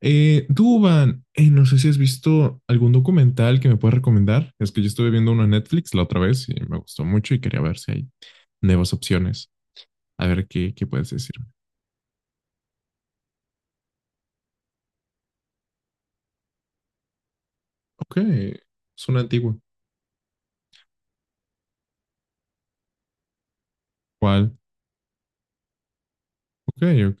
Duban, no sé si has visto algún documental que me puedas recomendar. Es que yo estuve viendo uno en Netflix la otra vez y me gustó mucho y quería ver si hay nuevas opciones. A ver qué puedes decirme. Ok, es una antigua. ¿Cuál? Ok, ok.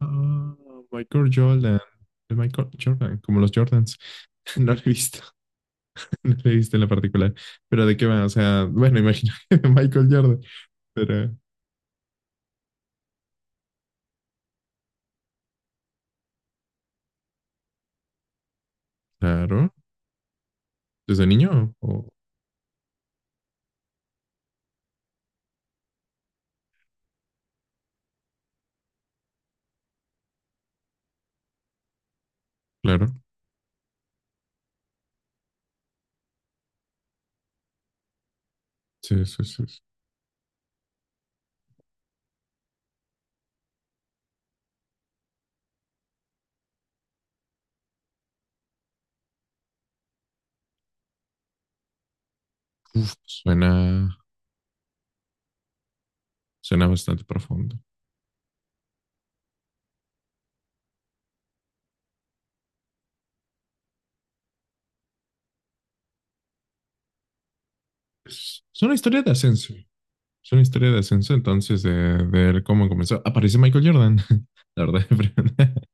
Ah, Michael Jordan. De Michael Jordan, como los Jordans. No lo he visto, no lo he visto en la particular. Pero de qué va, o sea, bueno, imagino de Michael Jordan. Pero, claro, desde niño, o claro. Sí, sí, sí, sí. Uf, suena bastante profundo. Es una historia de ascenso. Es una historia de ascenso, entonces, de ver cómo comenzó. Aparece Michael Jordan, la verdad.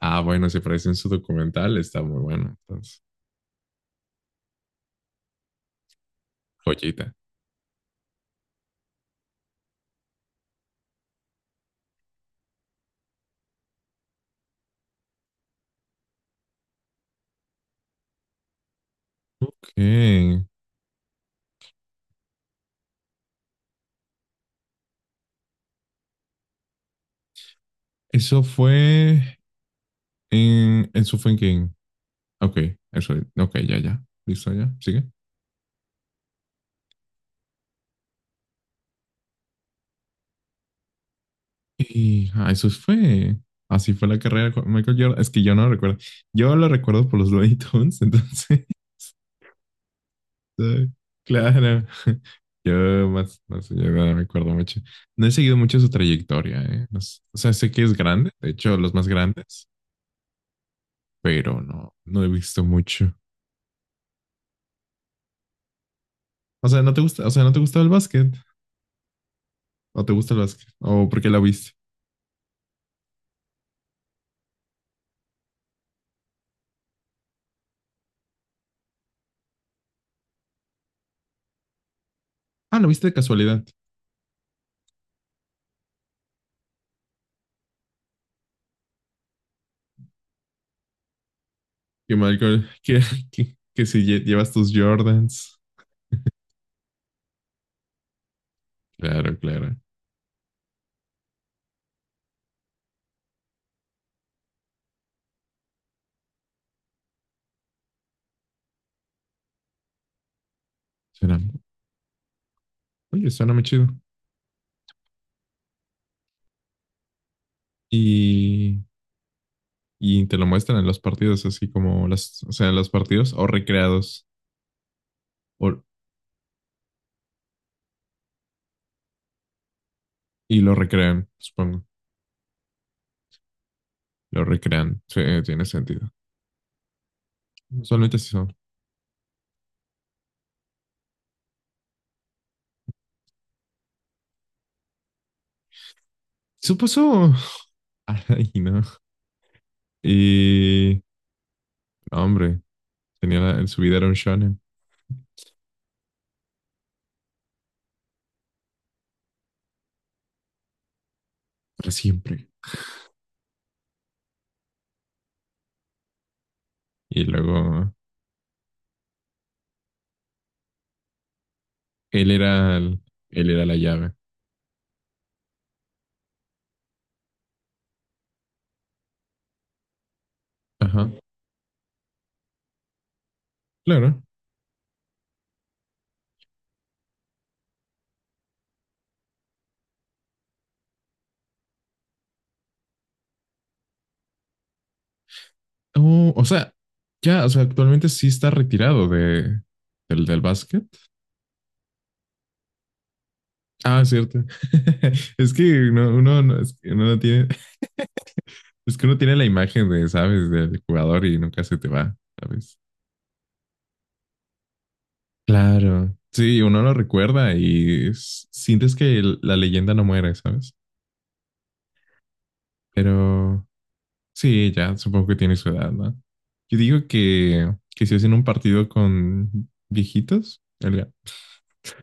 Ah, bueno, si aparece en su documental, está muy bueno. Entonces, joyita. Ok. Eso fue en. Eso fue en quién. Ok, eso. Ok, ya, ya. Listo, ya. Sigue. Y ah, eso fue. Así fue la carrera con Michael Jordan. Es que yo no lo recuerdo. Yo lo recuerdo por los Looney Tunes, entonces. Sí, claro, yo más, yo no me acuerdo mucho. No he seguido mucho su trayectoria, ¿eh? No s- o sea, sé que es grande, de hecho, los más grandes, pero no he visto mucho. O sea, ¿no te gusta, o sea, no te gusta el básquet? ¿O te gusta el básquet? ¿O por qué la viste? Ah, la viste de casualidad. Que Michael, que si lle- llevas tus Jordans. Claro, claro. Suena, oye, suena muy chido. Y, y te lo muestran en los partidos, así como las, o sea, en los partidos o recreados. O, y lo recrean, supongo. Lo recrean. Sí, tiene sentido. Solamente así son. Supuso. Ay, no. Y. No, hombre, tenía la- en su vida era un shonen. Para siempre. Y luego. Él era. El- él era la llave. Ajá. Claro. Oh, o sea, ya, o sea, actualmente sí está retirado de. ¿Del, del básquet? Ah, cierto. Es que no- es que uno no tiene, es que uno tiene la imagen de, ¿sabes? Del jugador y nunca se te va, ¿sabes? Claro, sí, uno lo recuerda y s- sientes que el- la leyenda no muere, ¿sabes? Pero sí, ya supongo que tiene su edad, ¿no? Yo digo que si hacen un partido con viejitos, Olga,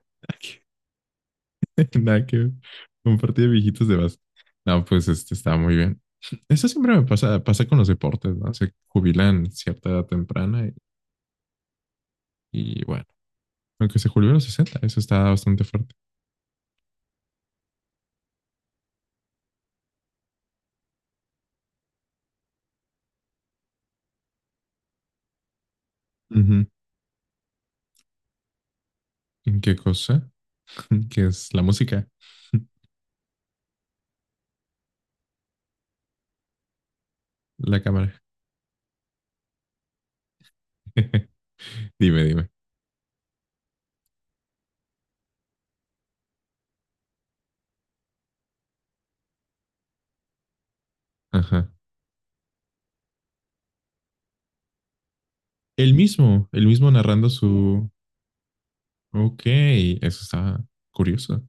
nada que ver, un partido de viejitos de base. No, pues este está muy bien. Eso siempre me pasa, pasa con los deportes, ¿no? Se jubilan cierta edad temprana y bueno, aunque se jubilan a los 60, eso está bastante fuerte. Ujú. ¿En qué cosa? ¿Qué es la música? La cámara. Dime, dime. Ajá. El mismo narrando su... Ok, eso está curioso.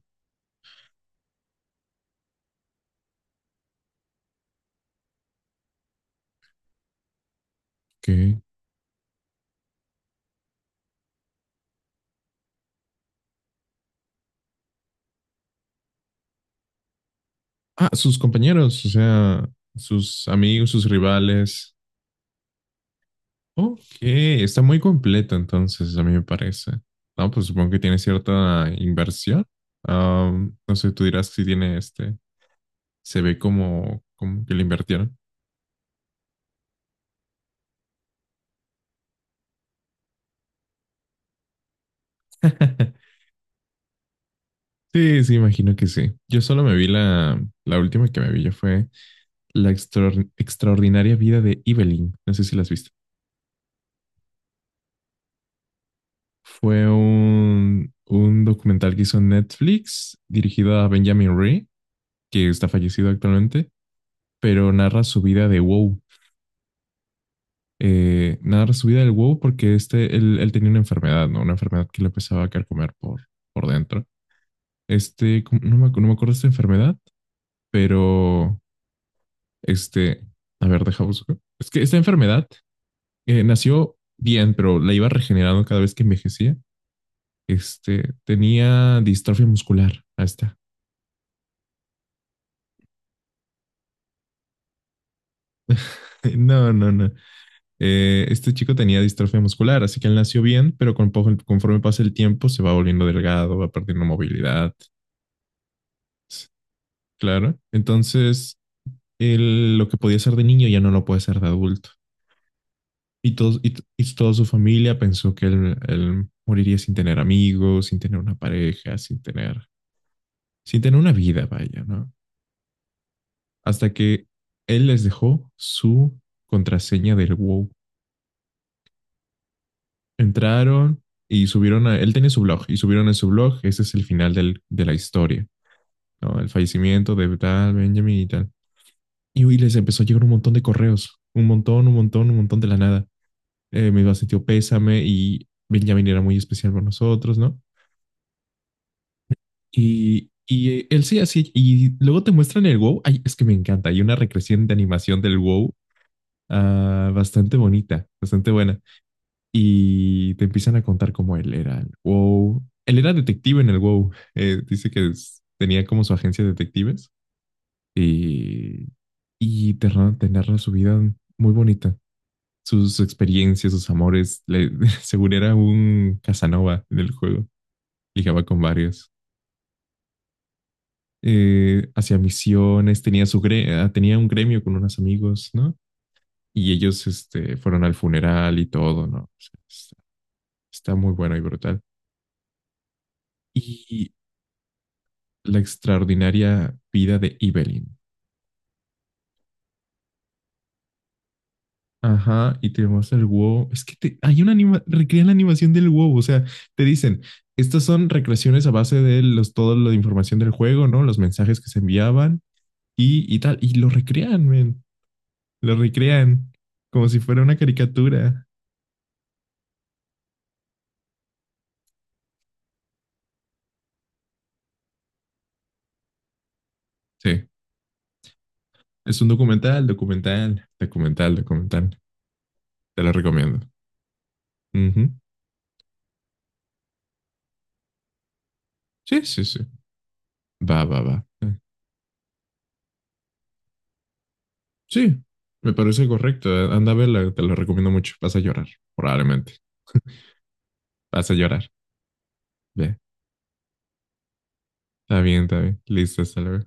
Ok. Ah, sus compañeros, o sea, sus amigos, sus rivales. Ok, está muy completo entonces, a mí me parece. No, pues supongo que tiene cierta inversión. Am, no sé, tú dirás si tiene este. Se ve como que le invirtieron. Sí, sí, imagino que sí. Yo solo me vi la última que me vi, ya fue La extraor- extraordinaria vida de Evelyn. No sé si la has visto. Fue un documental que hizo Netflix dirigido a Benjamin Ree, que está fallecido actualmente, pero narra su vida de WoW. Narra su vida del WoW porque este, él tenía una enfermedad, ¿no? Una enfermedad que le empezaba a carcomer por dentro. Este, ¿cómo- no me, acu- no me acuerdo de esta enfermedad, pero este, a ver, deja busco. Es que esta enfermedad nació bien, pero la iba regenerando cada vez que envejecía. Este, tenía distrofia muscular. Ahí está. No, no, no. Este chico tenía distrofia muscular, así que él nació bien, pero conforme pasa el tiempo se va volviendo delgado, va perdiendo movilidad. Claro. Entonces, él, lo que podía hacer de niño ya no lo puede hacer de adulto. Y, todos, y toda su familia pensó que él moriría sin tener amigos, sin tener una pareja, sin tener, sin tener una vida, vaya, ¿no? Hasta que él les dejó su contraseña del WoW. Entraron y subieron a, él tenía su blog y subieron en su blog, ese es el final del- de la historia, ¿no? El fallecimiento de tal Benjamin y tal. Y uy, les empezó a llegar un montón de correos, un montón, un montón, un montón de la nada. Me iba a sentir pésame y Benjamin era muy especial con nosotros, ¿no? Y él sí, así, y luego te muestran el WoW, ay, es que me encanta, hay una recreación de animación del WoW ah, bastante bonita, bastante buena. Y te empiezan a contar cómo él era el WoW. Él era detective en el WoW. Dice que es- tenía como su agencia de detectives y, te, ra- te narra su vida muy bonita. Sus experiencias, sus amores. Le- según era un Casanova en el juego. Ligaba con varios. Hacía misiones, tenía, su gre- ah, tenía un gremio con unos amigos, ¿no? Y ellos este, fueron al funeral y todo, ¿no? O sea, está muy bueno y brutal. Y la extraordinaria vida de Evelyn. Ajá, y te muestra el huevo. Es que te- hay una anima, recrean la animación del huevo. O sea, te dicen, estas son recreaciones a base de los, toda la información del juego, ¿no? Los mensajes que se enviaban y tal. Y lo recrean, men. Lo recrean como si fuera una caricatura. Sí, es un documental, documental, documental, documental. Te lo recomiendo. Ujú. Sí, sí, sí. Va, va, va. Sí, me parece correcto. Anda a verla, te la recomiendo mucho. Vas a llorar, probablemente. Vas a llorar. Ve, está bien, está bien. Listo, hasta luego.